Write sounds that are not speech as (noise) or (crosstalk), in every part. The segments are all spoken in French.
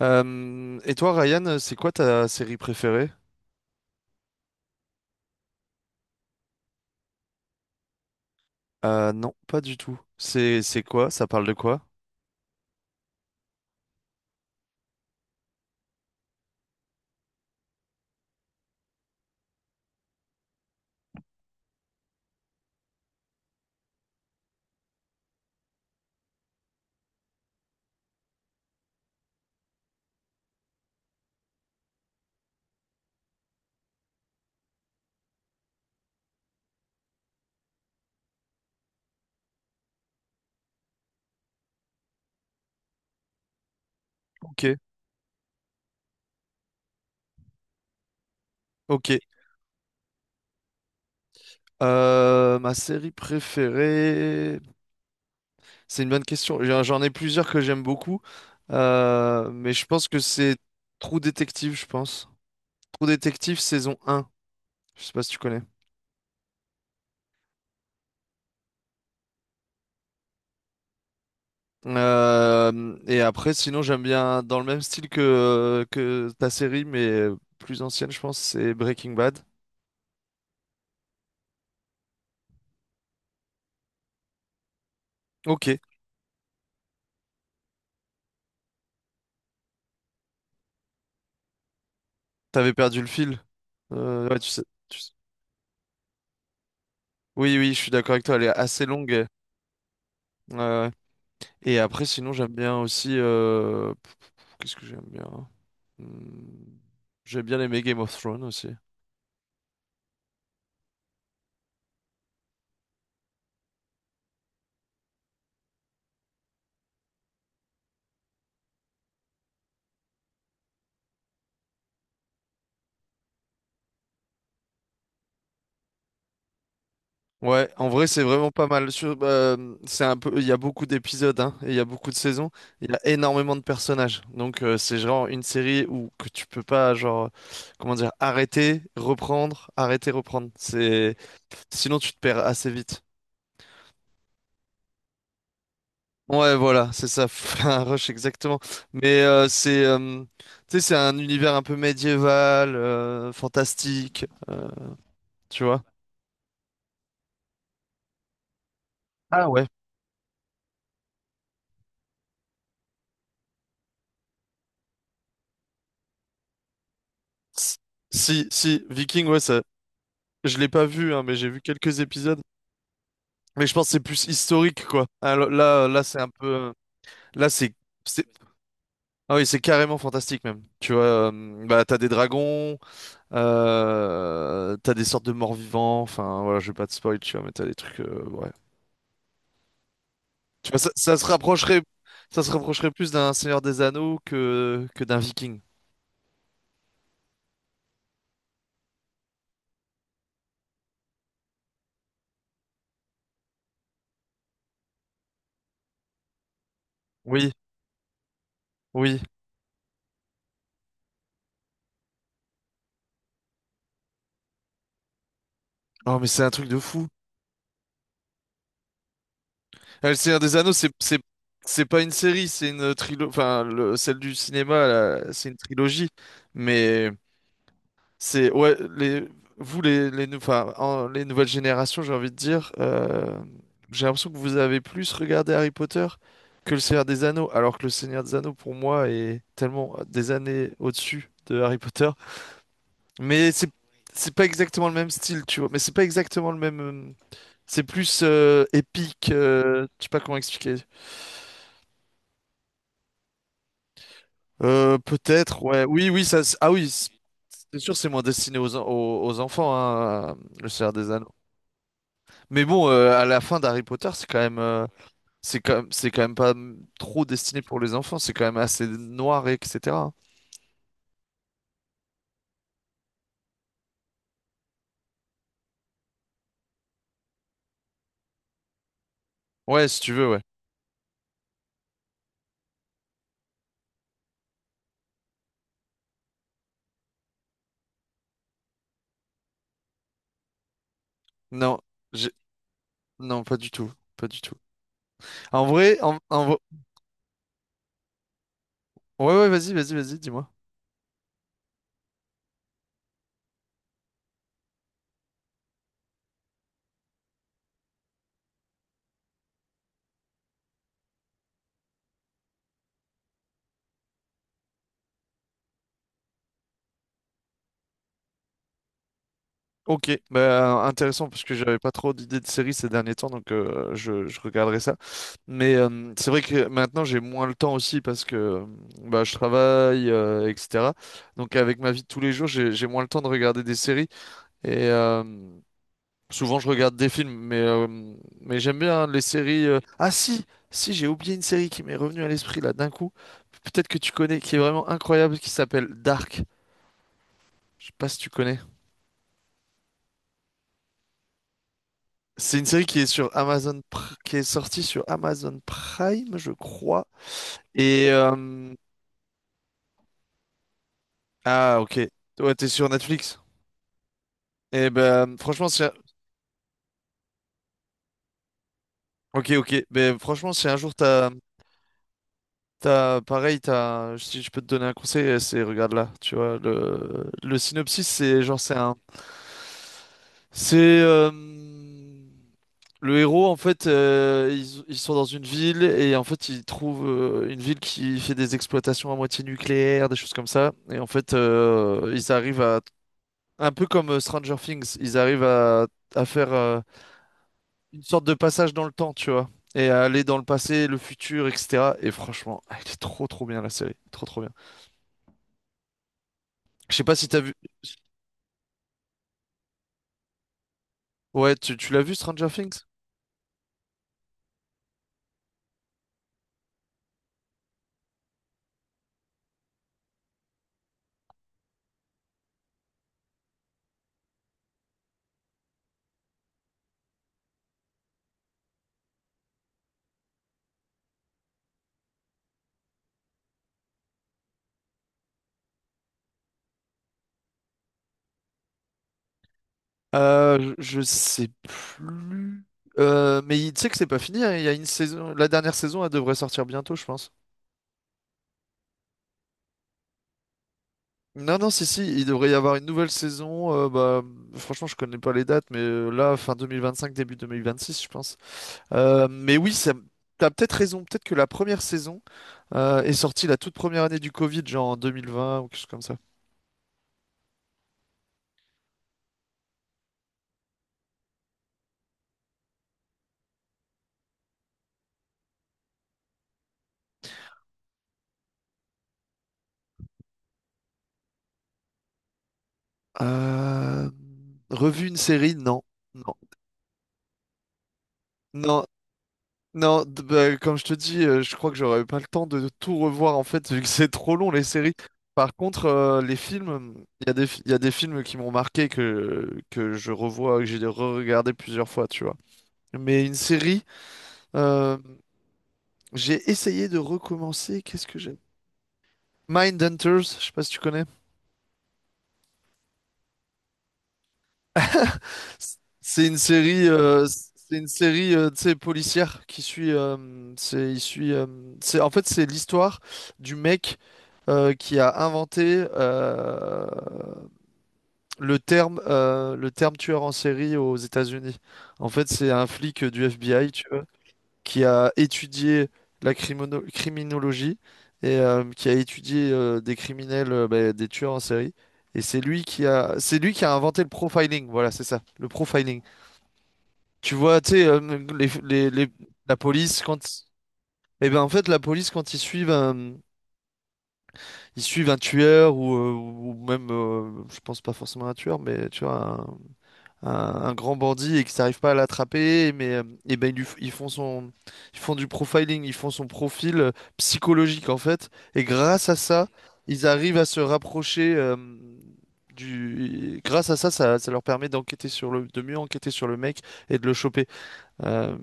Et toi, Ryan, c'est quoi ta série préférée? Non, pas du tout. C'est quoi? Ça parle de quoi? Ok, ok. Ma série préférée, c'est une bonne question. J'en ai plusieurs que j'aime beaucoup. Mais je pense que c'est Trou Détective, je pense. Trou Détective saison un. Je sais pas si tu connais. Et après, sinon, j'aime bien dans le même style que ta série, mais plus ancienne, je pense, c'est Breaking Bad. Ok, t'avais perdu le fil. Ouais, tu sais, tu sais- oui, oui, je suis d'accord avec toi, elle est assez longue. euh, Et après, sinon, j'aime bien aussi. Qu'est-ce que j'aime bien? Hmm, J'aime bien les Game of Thrones aussi. Ouais, en vrai, c'est vraiment pas mal. C'est un peu, il y a beaucoup d'épisodes, hein, et il y a beaucoup de saisons. Il y a énormément de personnages, donc c'est genre une série où que tu peux pas, genre, comment dire, arrêter, reprendre, arrêter, reprendre. C'est, sinon tu te perds assez vite. Ouais, voilà, c'est ça, (laughs) un rush exactement. Mais c'est, tu sais, c'est un univers un peu médiéval, fantastique, tu vois. Ah ouais. S- Si, si, Viking, ouais, ça, je l'ai pas vu, hein, mais j'ai vu quelques épisodes. Mais je pense que c'est plus historique, quoi. Alors, là, là, c'est un peu, là, c'est, c'est- ah oui, c'est carrément fantastique même. Tu vois, bah, t'as des dragons, t'as des sortes de morts-vivants. Enfin, voilà, je vais pas te spoil, tu vois, mais t'as des trucs, ouais. Tu vois, ça, ça se rapprocherait plus d'un Seigneur des Anneaux que d'un Viking. Oui, oui. Oh, mais c'est un truc de fou. Le Seigneur des Anneaux, c'est pas une série, c'est une trilogie. Enfin, celle du cinéma, là, c'est une trilogie. Mais c'est, ouais, les, vous, les, enfin, les nouvelles générations, j'ai envie de dire, j'ai l'impression que vous avez plus regardé Harry Potter que le Seigneur des Anneaux, alors que le Seigneur des Anneaux, pour moi, est tellement des années au-dessus de Harry Potter. Mais c'est pas exactement le même style, tu vois. Mais c'est pas exactement le même. C'est plus épique. Je sais pas comment expliquer. Peut-être. Ouais. Oui, oui. Ça. Ah oui. C'est sûr, c'est moins destiné aux, aux, aux enfants, hein, le Seigneur des Anneaux. Mais bon, à la fin d'Harry Potter, c'est quand même. C'est quand même. C'est quand même pas trop destiné pour les enfants. C'est quand même assez noir, et etc. Ouais, si tu veux. Ouais. Non. j'ai- Non, pas du tout. Pas du tout. En vrai, en, ouais, ouais, vas-y, vas-y, vas-y, dis-moi. Ok, bah, intéressant parce que j'avais pas trop d'idées de séries ces derniers temps, donc je regarderai ça. Mais c'est vrai que maintenant j'ai moins le temps aussi parce que bah, je travaille, etc. Donc avec ma vie de tous les jours, j'ai moins le temps de regarder des séries. Et, souvent, je regarde des films, mais j'aime bien les séries. Ah si, si, j'ai oublié une série qui m'est revenue à l'esprit là d'un coup. Peut-être que tu connais, qui est vraiment incroyable, qui s'appelle Dark. Je sais pas si tu connais. C'est une série qui est sur Amazon, qui est sortie sur Amazon Prime, je crois. Et ah ok, ouais, t'es sur Netflix. Et ben franchement, si. Ok, ok. Ben franchement, si un jour t'as, t'as, pareil, t'as, si je peux te donner un conseil, c'est regarde là, tu vois, le synopsis, c'est genre, c'est un, c'est le héros en fait, ils, ils sont dans une ville et en fait ils trouvent une ville qui fait des exploitations à moitié nucléaires, des choses comme ça, et en fait ils arrivent à, un peu comme Stranger Things, ils arrivent à faire une sorte de passage dans le temps, tu vois. Et à aller dans le passé, le futur, etc. Et franchement, elle est trop trop bien la série. Trop trop bien. Je sais pas si t'as vu. Ouais, tu l'as vu Stranger Things? Je sais plus. Mais tu sais que c'est pas fini, hein, il y a une saison. La dernière saison, elle devrait sortir bientôt, je pense. Non, non, si, si, il devrait y avoir une nouvelle saison. Bah, franchement, je connais pas les dates, mais là, fin 2025, début 2026, je pense. Mais oui, ça, t'as peut-être raison. Peut-être que la première saison est sortie la toute première année du Covid, genre en 2020 ou quelque chose comme ça. Euh, Revu une série? Non. Non. Non. Non, bah, comme je te dis, je crois que j'aurais pas le temps de tout revoir en fait, vu que c'est trop long les séries. Par contre, les films, il y a des, il y a des films qui m'ont marqué que je revois, que j'ai re-regardé plusieurs fois, tu vois. Mais une série, euh, j'ai essayé de recommencer. Qu'est-ce que j'ai Mindhunters, je sais pas si tu connais. C- C'est une série, euh, c'est une série, tu sais, policière qui suit, c'est, il suit, c'est, en fait, c'est l'histoire du mec qui a inventé le terme tueur en série aux États-Unis. En fait, c'est un flic du FBI, qui a étudié la criminologie et qui a étudié des criminels, bah, des tueurs en série. Et c'est lui qui a, c'est lui qui a inventé le profiling. Voilà, c'est ça, le profiling. Tu vois, tu sais, les- les- les- la police quand, eh ben en fait, la police quand ils suivent un tueur ou même, je pense pas forcément un tueur, mais tu vois, un grand bandit et qu'ils n'arrivent pas à l'attraper, mais eh ben, ils, ils font son, ils font du profiling, ils font son profil psychologique en fait, et grâce à ça, ils arrivent à se rapprocher du. Grâce à ça, ça, ça leur permet d'enquêter sur le, de mieux enquêter sur le mec et de le choper. Euh,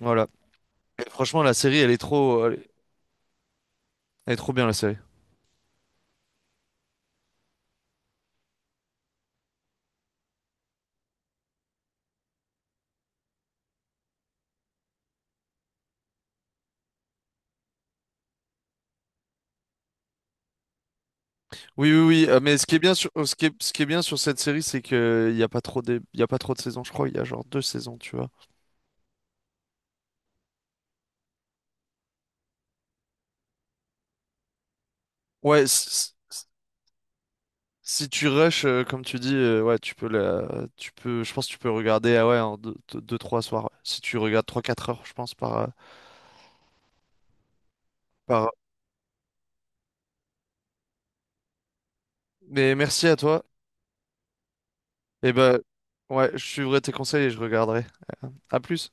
voilà. Franchement, la série, elle est trop, elle est, elle est trop bien la série. Oui, oui, oui. Mais ce qui est bien sur, ce qui est bien sur cette série, c'est que il y a pas trop de, il y a pas trop de saisons. Je crois il y a genre deux saisons, tu vois. Ouais, c- c- Si tu rushes, comme tu dis, ouais, tu peux la, tu peux, je pense que tu peux regarder, ah ouais, en deux, deux, deux, trois soirs. Ouais. Si tu regardes trois, quatre heures, je pense, par, par. Mais merci à toi. Et ben, ouais, je suivrai tes conseils et je regarderai. À plus.